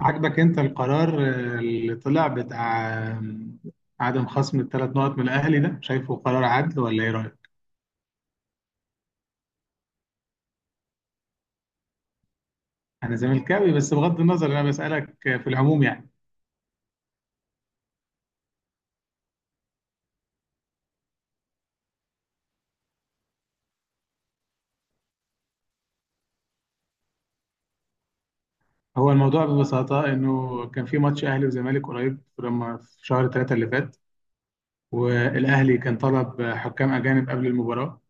عجبك انت القرار اللي طلع بتاع عدم خصم الثلاث نقط من الاهلي، ده شايفه قرار عدل ولا ايه رايك؟ انا زملكاوي، بس بغض النظر انا بسالك في العموم يعني. هو الموضوع ببساطه انه كان في ماتش اهلي وزمالك قريب، لما في شهر ثلاثة اللي فات والاهلي كان طلب حكام اجانب قبل المباراه،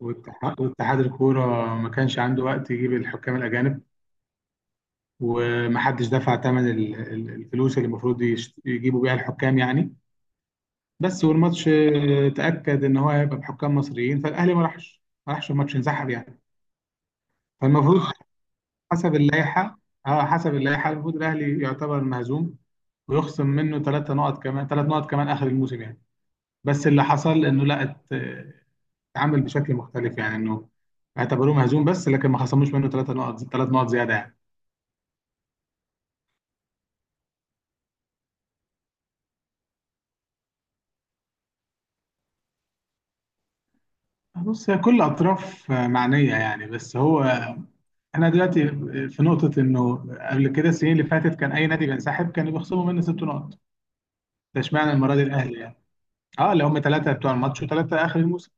واتحاد الكوره ما كانش عنده وقت يجيب الحكام الاجانب، ومحدش دفع ثمن الفلوس اللي المفروض يجيبوا بيها الحكام يعني. بس والماتش تأكد ان هو هيبقى بحكام مصريين، فالاهلي ما راحش الماتش، انسحب يعني. فالمفروض حسب اللائحة اه حسب اللائحة المفروض الاهلي يعتبر مهزوم، ويخصم منه 3 نقط كمان اخر الموسم يعني. بس اللي حصل انه لا اتعامل بشكل مختلف، يعني انه اعتبروه مهزوم بس لكن ما خصموش منه 3 نقط زيادة يعني. بص هي كل اطراف معنية يعني، بس هو احنا دلوقتي في نقطة انه قبل كده السنين اللي فاتت كان اي نادي بينسحب كانوا بيخصموا منه 6 نقط، ده اشمعنى المره دي الاهلي يعني، اه اللي هم ثلاثه بتوع الماتش وثلاثه اخر الموسم.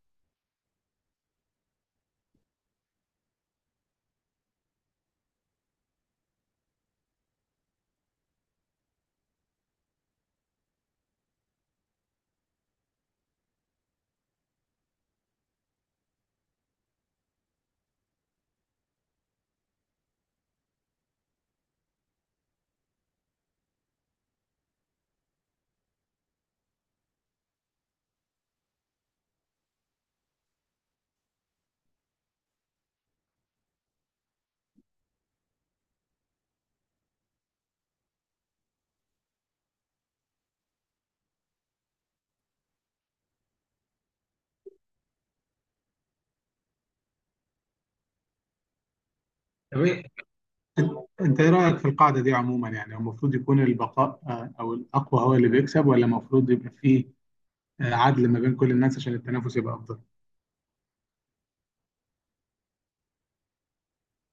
طب إيه- انت انت ايه رايك في القاعده دي عموما؟ يعني هو المفروض يكون البقاء آه، او الاقوى هو اللي بيكسب، ولا المفروض يبقى فيه عدل ما بين كل الناس عشان التنافس يبقى افضل؟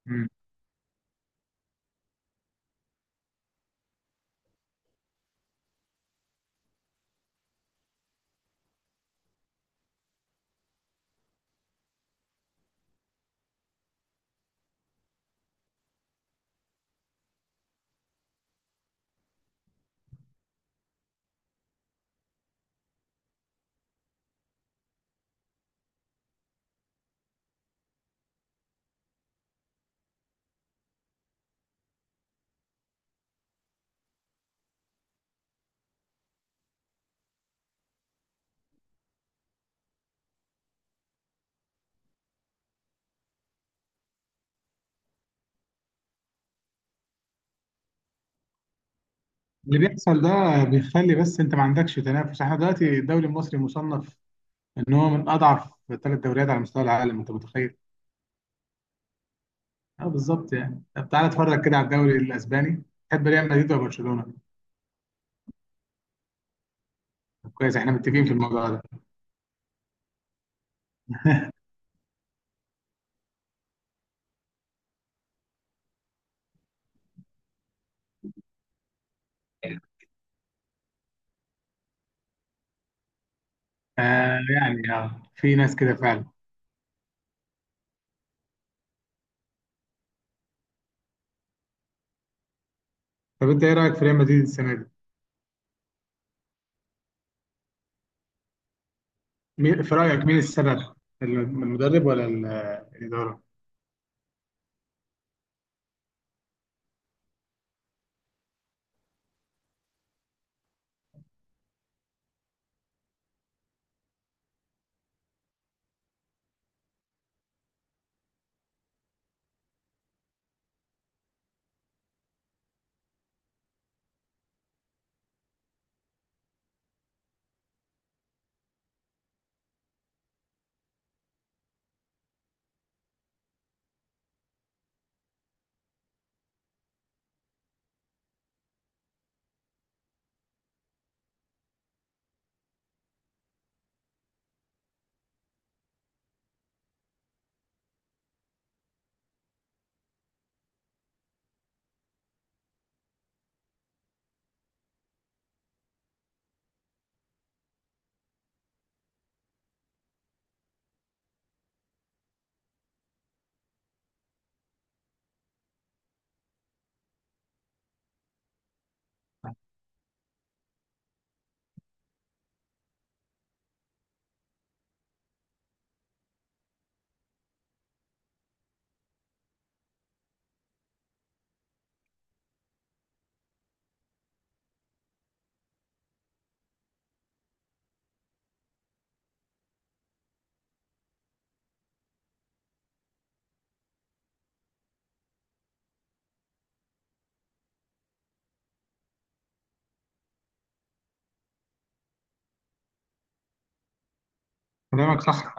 مم. اللي بيحصل ده بيخلي، بس انت ما عندكش تنافس، احنا دلوقتي الدوري المصري مصنف ان هو من اضعف 3 دوريات على مستوى العالم، انت متخيل؟ اه بالظبط يعني. طب تعالى اتفرج كده على الدوري الاسباني، تحب ريال مدريد ولا برشلونه؟ طب كويس، احنا متفقين في الموضوع ده. في ناس كده فعلا. طب انت ايه رايك في ريال مدريد السنه دي؟ مين في رايك مين السبب؟ المدرب ولا الاداره؟ كلامك صح.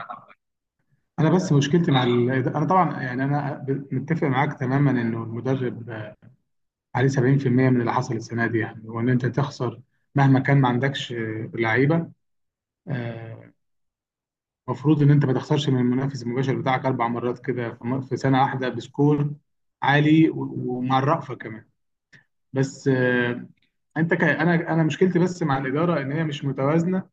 انا بس مشكلتي مع انا طبعا يعني، متفق معاك تماما انه المدرب عليه 70% من اللي حصل السنه دي، يعني وان انت تخسر مهما كان ما عندكش لعيبه، آه، المفروض ان انت ما تخسرش من المنافس المباشر بتاعك 4 مرات كده في سنه واحده بسكور عالي و- ومع الرأفه كمان. بس انا مشكلتي بس مع الاداره ان هي مش متوازنه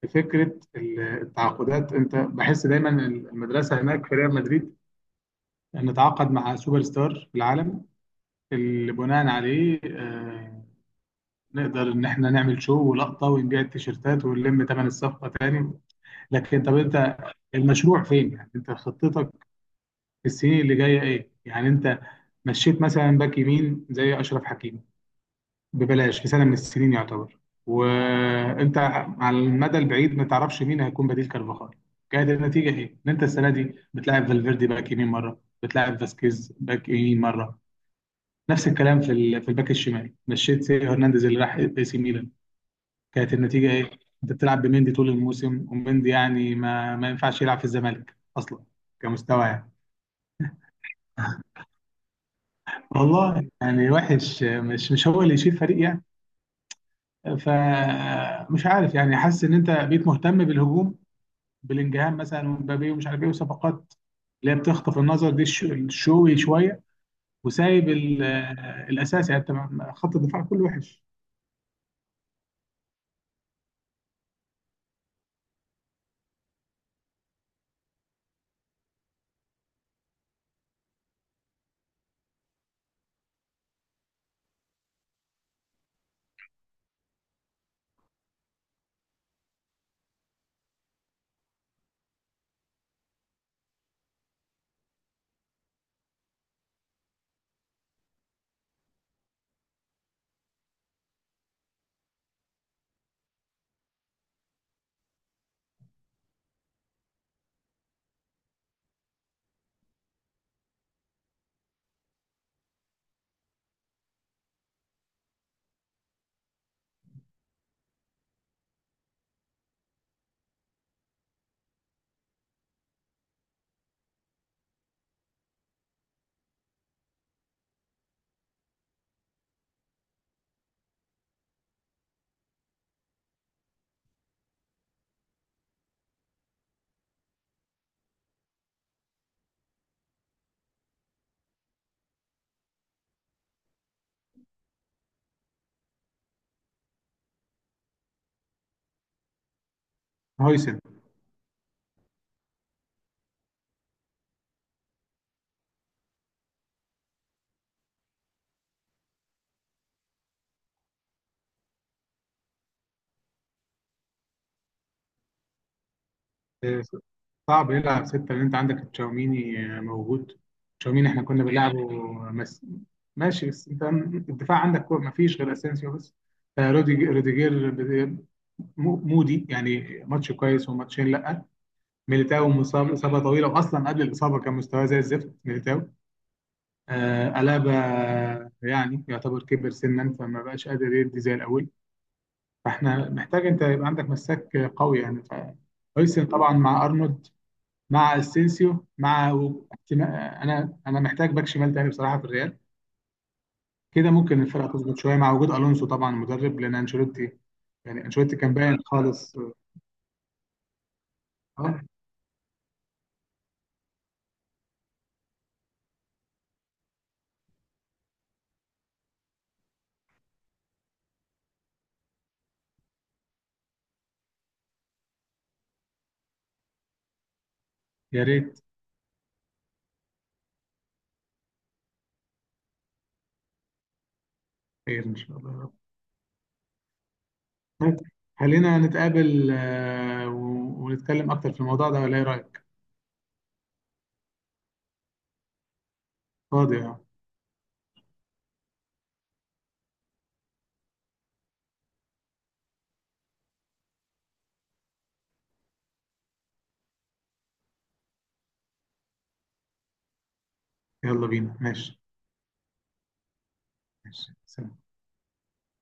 في فكره التعاقدات. انت بحس دايما المدرسه هناك في ريال مدريد نتعاقد مع سوبر ستار في العالم، اللي بناء عليه نقدر ان احنا نعمل شو ولقطه ونبيع التيشيرتات ونلم ثمن الصفقه تاني. لكن طب انت المشروع فين؟ يعني انت خطتك السنين اللي جايه ايه؟ يعني انت مشيت مثلا باك يمين زي اشرف حكيمي ببلاش في سنه من السنين يعتبر، وانت على المدى البعيد ما تعرفش مين هيكون بديل كارفاخال. كانت النتيجه ايه؟ ان انت السنه دي بتلاعب فالفيردي باك يمين مره، بتلاعب فاسكيز باك يمين مره. نفس الكلام في الباك الشمال، مشيت سيو هرنانديز اللي راح اي سي ميلان. كانت النتيجه ايه؟ انت بتلعب بمندي طول الموسم، ومندي يعني ما ينفعش يلعب في الزمالك اصلا كمستوى يعني. والله يعني وحش، مش هو اللي يشيل فريق يعني. فمش عارف يعني، حاسس ان انت بقيت مهتم بالهجوم، بلينجهام مثلا ومبابي ومش عارف ايه وصفقات اللي هي بتخطف النظر دي الشوي شويه، وسايب الاساسي يعني، انت خط الدفاع كله وحش. هويسن. آه، صعب يلعب سته لان انت عندك تشاوميني موجود، تشاوميني احنا كنا بنلعبه مس... ماشي. بس انت الدفاع عندك ما فيش غير اسينسيو بس، روديجير مودي يعني ماتش كويس وماتشين لا. ميليتاو مصاب اصابه طويله، واصلا قبل الاصابه كان مستواه زي الزفت ميليتاو. ألابا يعني يعتبر كبر سنا، فما بقاش قادر يدي زي الأول. فاحنا محتاج أنت يبقى عندك مساك قوي يعني، فهويسن طبعا مع أرنولد مع أسينسيو مع أنا محتاج باك شمال تاني بصراحة في الريال. كده ممكن الفرقة تظبط شوية مع وجود ألونسو طبعا مدرب، لأن أنشيلوتي كان باين خالص. أه، يا ريت. خير إن شاء الله يا رب. طيب، خلينا نتقابل آه، و- ونتكلم أكتر في الموضوع ده ولا إيه رأيك؟ فاضي أهو. يلا بينا ماشي. ماشي سلام.